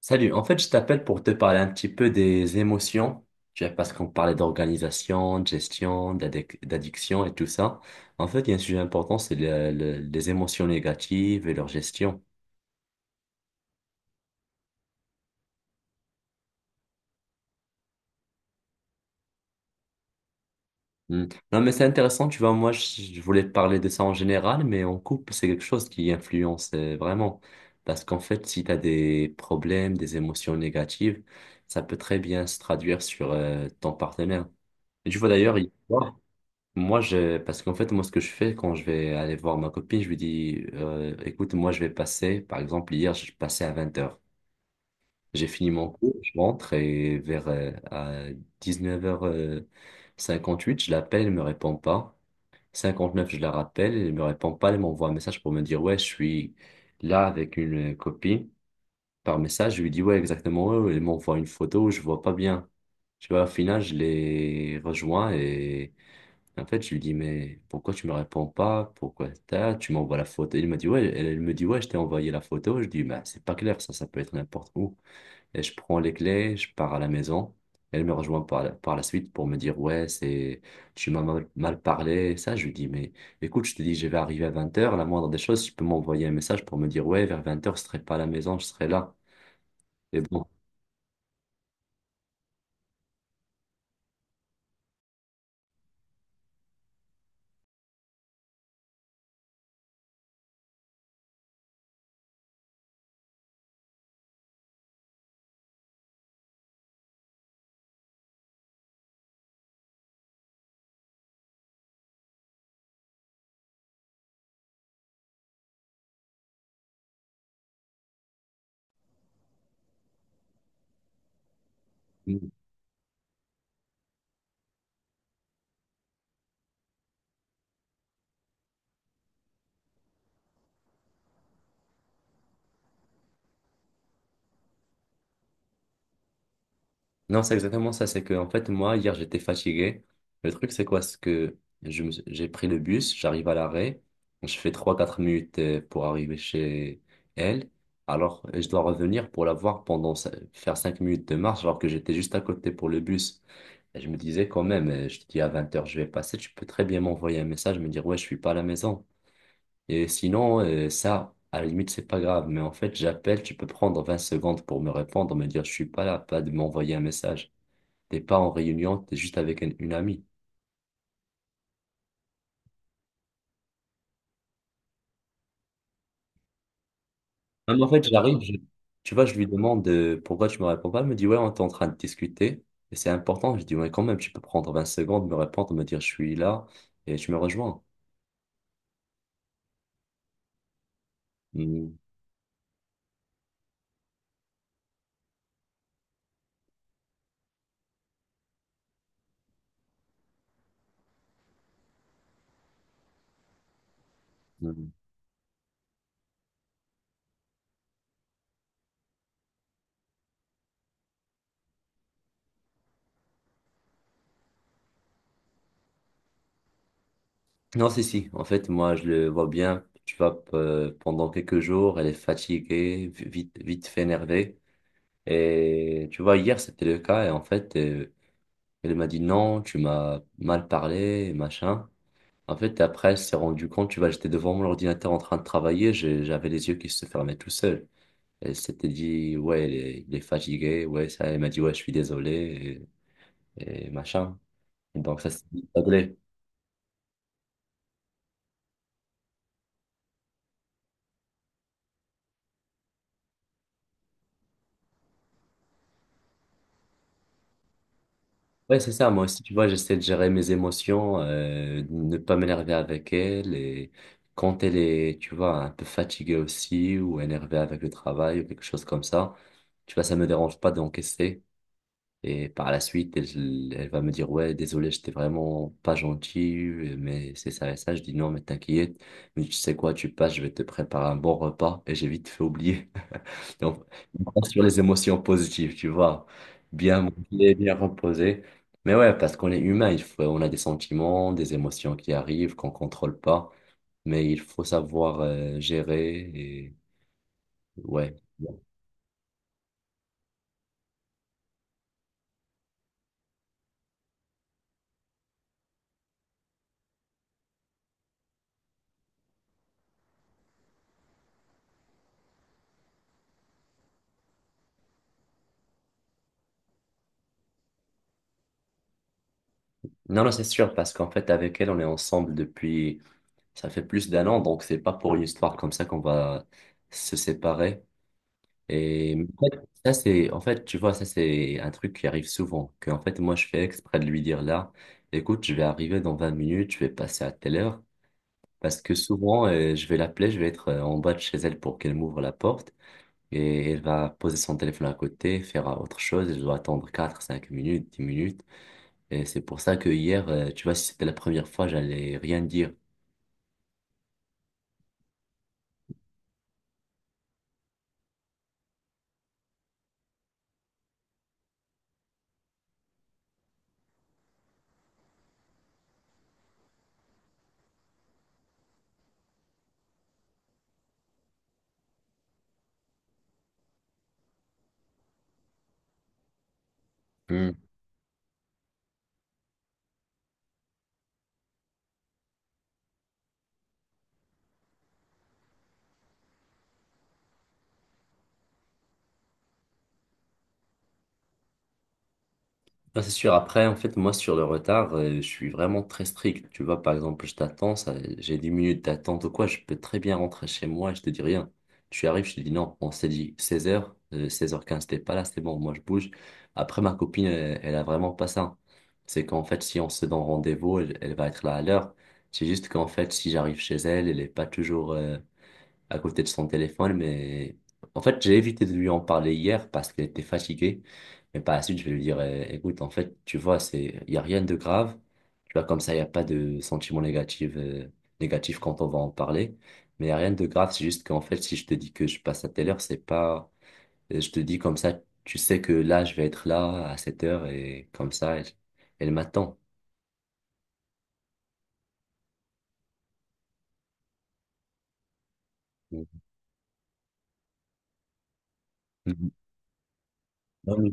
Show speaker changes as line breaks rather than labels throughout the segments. Salut, en fait, je t'appelle pour te parler un petit peu des émotions, tu vois, parce qu'on parlait d'organisation, de gestion, d'addiction et tout ça. En fait, il y a un sujet important, c'est les émotions négatives et leur gestion. Hmm. Non, mais c'est intéressant, tu vois, moi, je voulais parler de ça en général, mais en couple, c'est quelque chose qui influence vraiment. Parce qu'en fait, si tu as des problèmes, des émotions négatives, ça peut très bien se traduire sur ton partenaire. Et tu vois d'ailleurs, moi, je, parce qu'en fait, moi, ce que je fais quand je vais aller voir ma copine, je lui dis, écoute, moi, je vais passer, par exemple, hier, je passais à 20h. J'ai fini mon cours, je rentre et vers à 19h58, je l'appelle, elle me répond pas. 59, je la rappelle, elle me répond pas, elle m'envoie un message pour me dire, ouais, je suis là avec une copine. Par message, je lui dis, ouais, exactement, ouais, ouais. Elle m'envoie une photo, je vois pas bien. Tu vois, au final, je les rejoins et en fait, je lui dis, mais pourquoi tu me réponds pas? Tu m'envoies la photo? Il m'a dit, ouais, elle, elle me dit, ouais, je t'ai envoyé la photo. Je dis, bah, c'est pas clair, ça peut être n'importe où. Et je prends les clés, je pars à la maison. Elle me rejoint par la suite pour me dire, ouais, c'est, tu m'as mal parlé. Ça, je lui dis, mais écoute, je te dis, je vais arriver à 20 heures. La moindre des choses, tu peux m'envoyer un message pour me dire, ouais, vers 20 heures je serai pas à la maison, je serai là. Et bon. Non, c'est exactement ça. C'est que, en fait, moi, hier, j'étais fatigué. Le truc, c'est quoi? C'est que j'ai pris le bus, j'arrive à l'arrêt, je fais trois quatre minutes pour arriver chez elle. Alors, je dois revenir pour la voir pendant faire 5 minutes de marche, alors que j'étais juste à côté pour le bus. Et je me disais quand même, je te dis à 20 heures je vais passer, tu peux très bien m'envoyer un message, me dire, ouais, je suis pas à la maison. Et sinon, ça, à la limite, c'est pas grave. Mais en fait, j'appelle, tu peux prendre 20 secondes pour me répondre, me dire, je suis pas là, pas de m'envoyer un message. T'es pas en réunion, t'es juste avec une amie. Même en fait, tu vois, je lui demande pourquoi tu me réponds pas. Elle me dit, ouais, on est en train de discuter et c'est important. Je dis, ouais, quand même, tu peux prendre 20 secondes, me répondre, me dire, je suis là et tu me rejoins. Mm, mm. Non, si, si. En fait, moi, je le vois bien. Tu vois, pendant quelques jours, elle est fatiguée, vite, vite fait énervée. Et tu vois, hier, c'était le cas. Et en fait, elle m'a dit non, tu m'as mal parlé, machin. En fait, après, elle s'est rendue compte, tu vois, j'étais devant mon ordinateur en train de travailler, j'avais les yeux qui se fermaient tout seul. Elle s'était dit, ouais, il est fatigué, ouais, ça, elle m'a dit, ouais, je suis désolé, et machin. Et donc, ça s'est réglé. Ouais, c'est ça, moi aussi, tu vois, j'essaie de gérer mes émotions, de ne pas m'énerver avec elle, et quand elle est, tu vois, un peu fatiguée aussi, ou énervée avec le travail, ou quelque chose comme ça, tu vois, ça me dérange pas d'encaisser. Et par la suite, elle, elle va me dire, ouais, désolé, j'étais vraiment pas gentil, mais c'est ça et ça. Je dis, non, mais t'inquiète, mais tu sais quoi, tu passes, je vais te préparer un bon repas et j'ai vite fait oublier. Donc, je pense sur les émotions positives, tu vois, bien manger, bien reposer. Mais ouais, parce qu'on est humain, il faut, on a des sentiments, des émotions qui arrivent, qu'on contrôle pas, mais il faut savoir gérer et ouais. Non, non, c'est sûr, parce qu'en fait, avec elle, on est ensemble depuis. Ça fait plus d'un an, donc c'est pas pour une histoire comme ça qu'on va se séparer. Et en fait, ça c'est, en fait, tu vois, ça c'est un truc qui arrive souvent. Que en fait, moi, je fais exprès de lui dire là, écoute, je vais arriver dans 20 minutes, je vais passer à telle heure, parce que souvent, je vais l'appeler, je vais être en bas de chez elle pour qu'elle m'ouvre la porte, et elle va poser son téléphone à côté, faire autre chose, et je dois attendre 4 5 minutes, 10 minutes. Et c'est pour ça que hier, tu vois, si c'était la première fois, j'allais rien dire. Ah, c'est sûr. Après, en fait, moi, sur le retard, je suis vraiment très strict. Tu vois, par exemple, je t'attends, ça, j'ai 10 minutes d'attente ou quoi, je peux très bien rentrer chez moi et je te dis rien. Tu arrives, je te dis non, on s'est dit 16 heures 16 h 15 t'es pas là, c'est bon, moi, je bouge. Après, ma copine, elle, elle a vraiment pas ça. C'est qu'en fait, si on se donne rendez-vous, elle, elle va être là à l'heure. C'est juste qu'en fait, si j'arrive chez elle, elle est pas toujours, à côté de son téléphone, mais en fait, j'ai évité de lui en parler hier parce qu'elle était fatiguée. Mais par la suite, je vais lui dire, écoute, en fait, tu vois, c'est, il n'y a rien de grave. Tu vois, comme ça, il n'y a pas de sentiment négatif, négatif quand on va en parler. Mais il n'y a rien de grave. C'est juste qu'en fait, si je te dis que je passe à telle heure, c'est pas, je te dis comme ça, tu sais que là, je vais être là à cette heure et comme ça, elle, elle m'attend. Mhm. Non, mais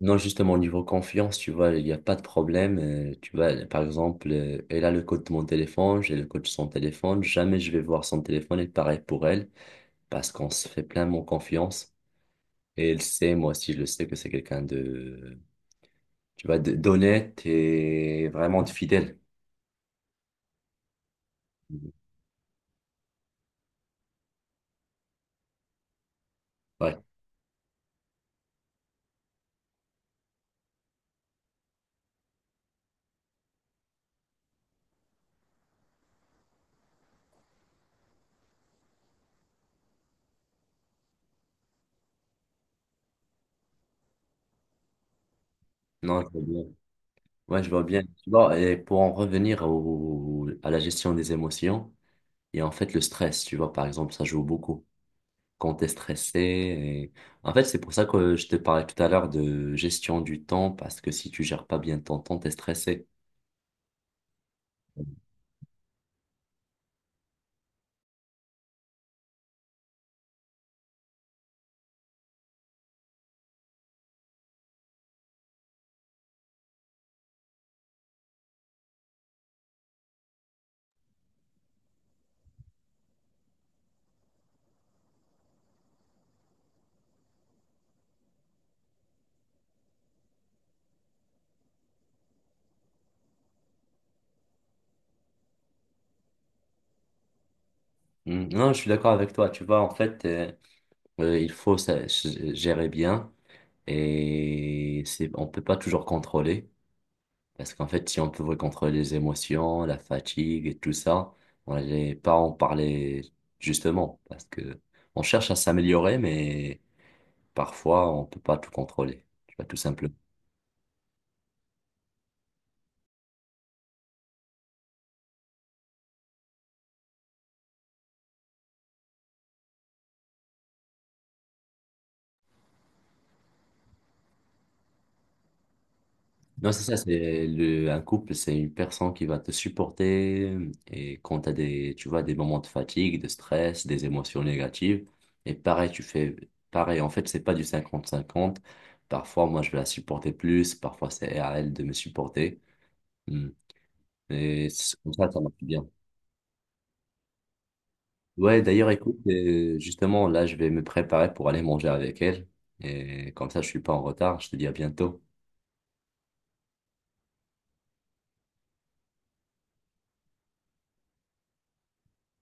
non, justement, au niveau confiance, tu vois, il n'y a pas de problème. Tu vois, par exemple, elle a le code de mon téléphone, j'ai le code de son téléphone. Jamais je vais voir son téléphone et pareil pour elle, parce qu'on se fait pleinement confiance. Et elle sait, moi aussi, je le sais que c'est quelqu'un de, tu vois, d'honnête et vraiment de fidèle. Ouais, non, je vois bien. Ouais, je vois bien. Tu vois, et pour en revenir à la gestion des émotions, et en fait le stress, tu vois, par exemple, ça joue beaucoup quand t'es stressé. Et en fait, c'est pour ça que je te parlais tout à l'heure de gestion du temps, parce que si tu gères pas bien ton temps, t'es stressé. Mm, non, je suis d'accord avec toi. Tu vois, en fait, il faut ça gérer bien et c'est, on peut pas toujours contrôler, parce qu'en fait, si on pouvait contrôler les émotions, la fatigue et tout ça, on n'allait pas en parler justement, parce que on cherche à s'améliorer, mais parfois, on peut pas tout contrôler. Tu vois, tout simplement. Non, c'est ça, c'est le, un couple, c'est une personne qui va te supporter et quand tu as des, tu vois, des moments de fatigue, de stress, des émotions négatives, et pareil, tu fais pareil. En fait, c'est pas du 50-50. Parfois, moi, je vais la supporter plus, parfois, c'est à elle de me supporter. Hmm. Et c'est comme ça marche bien. Ouais, d'ailleurs, écoute, justement, là, je vais me préparer pour aller manger avec elle et comme ça, je suis pas en retard. Je te dis à bientôt.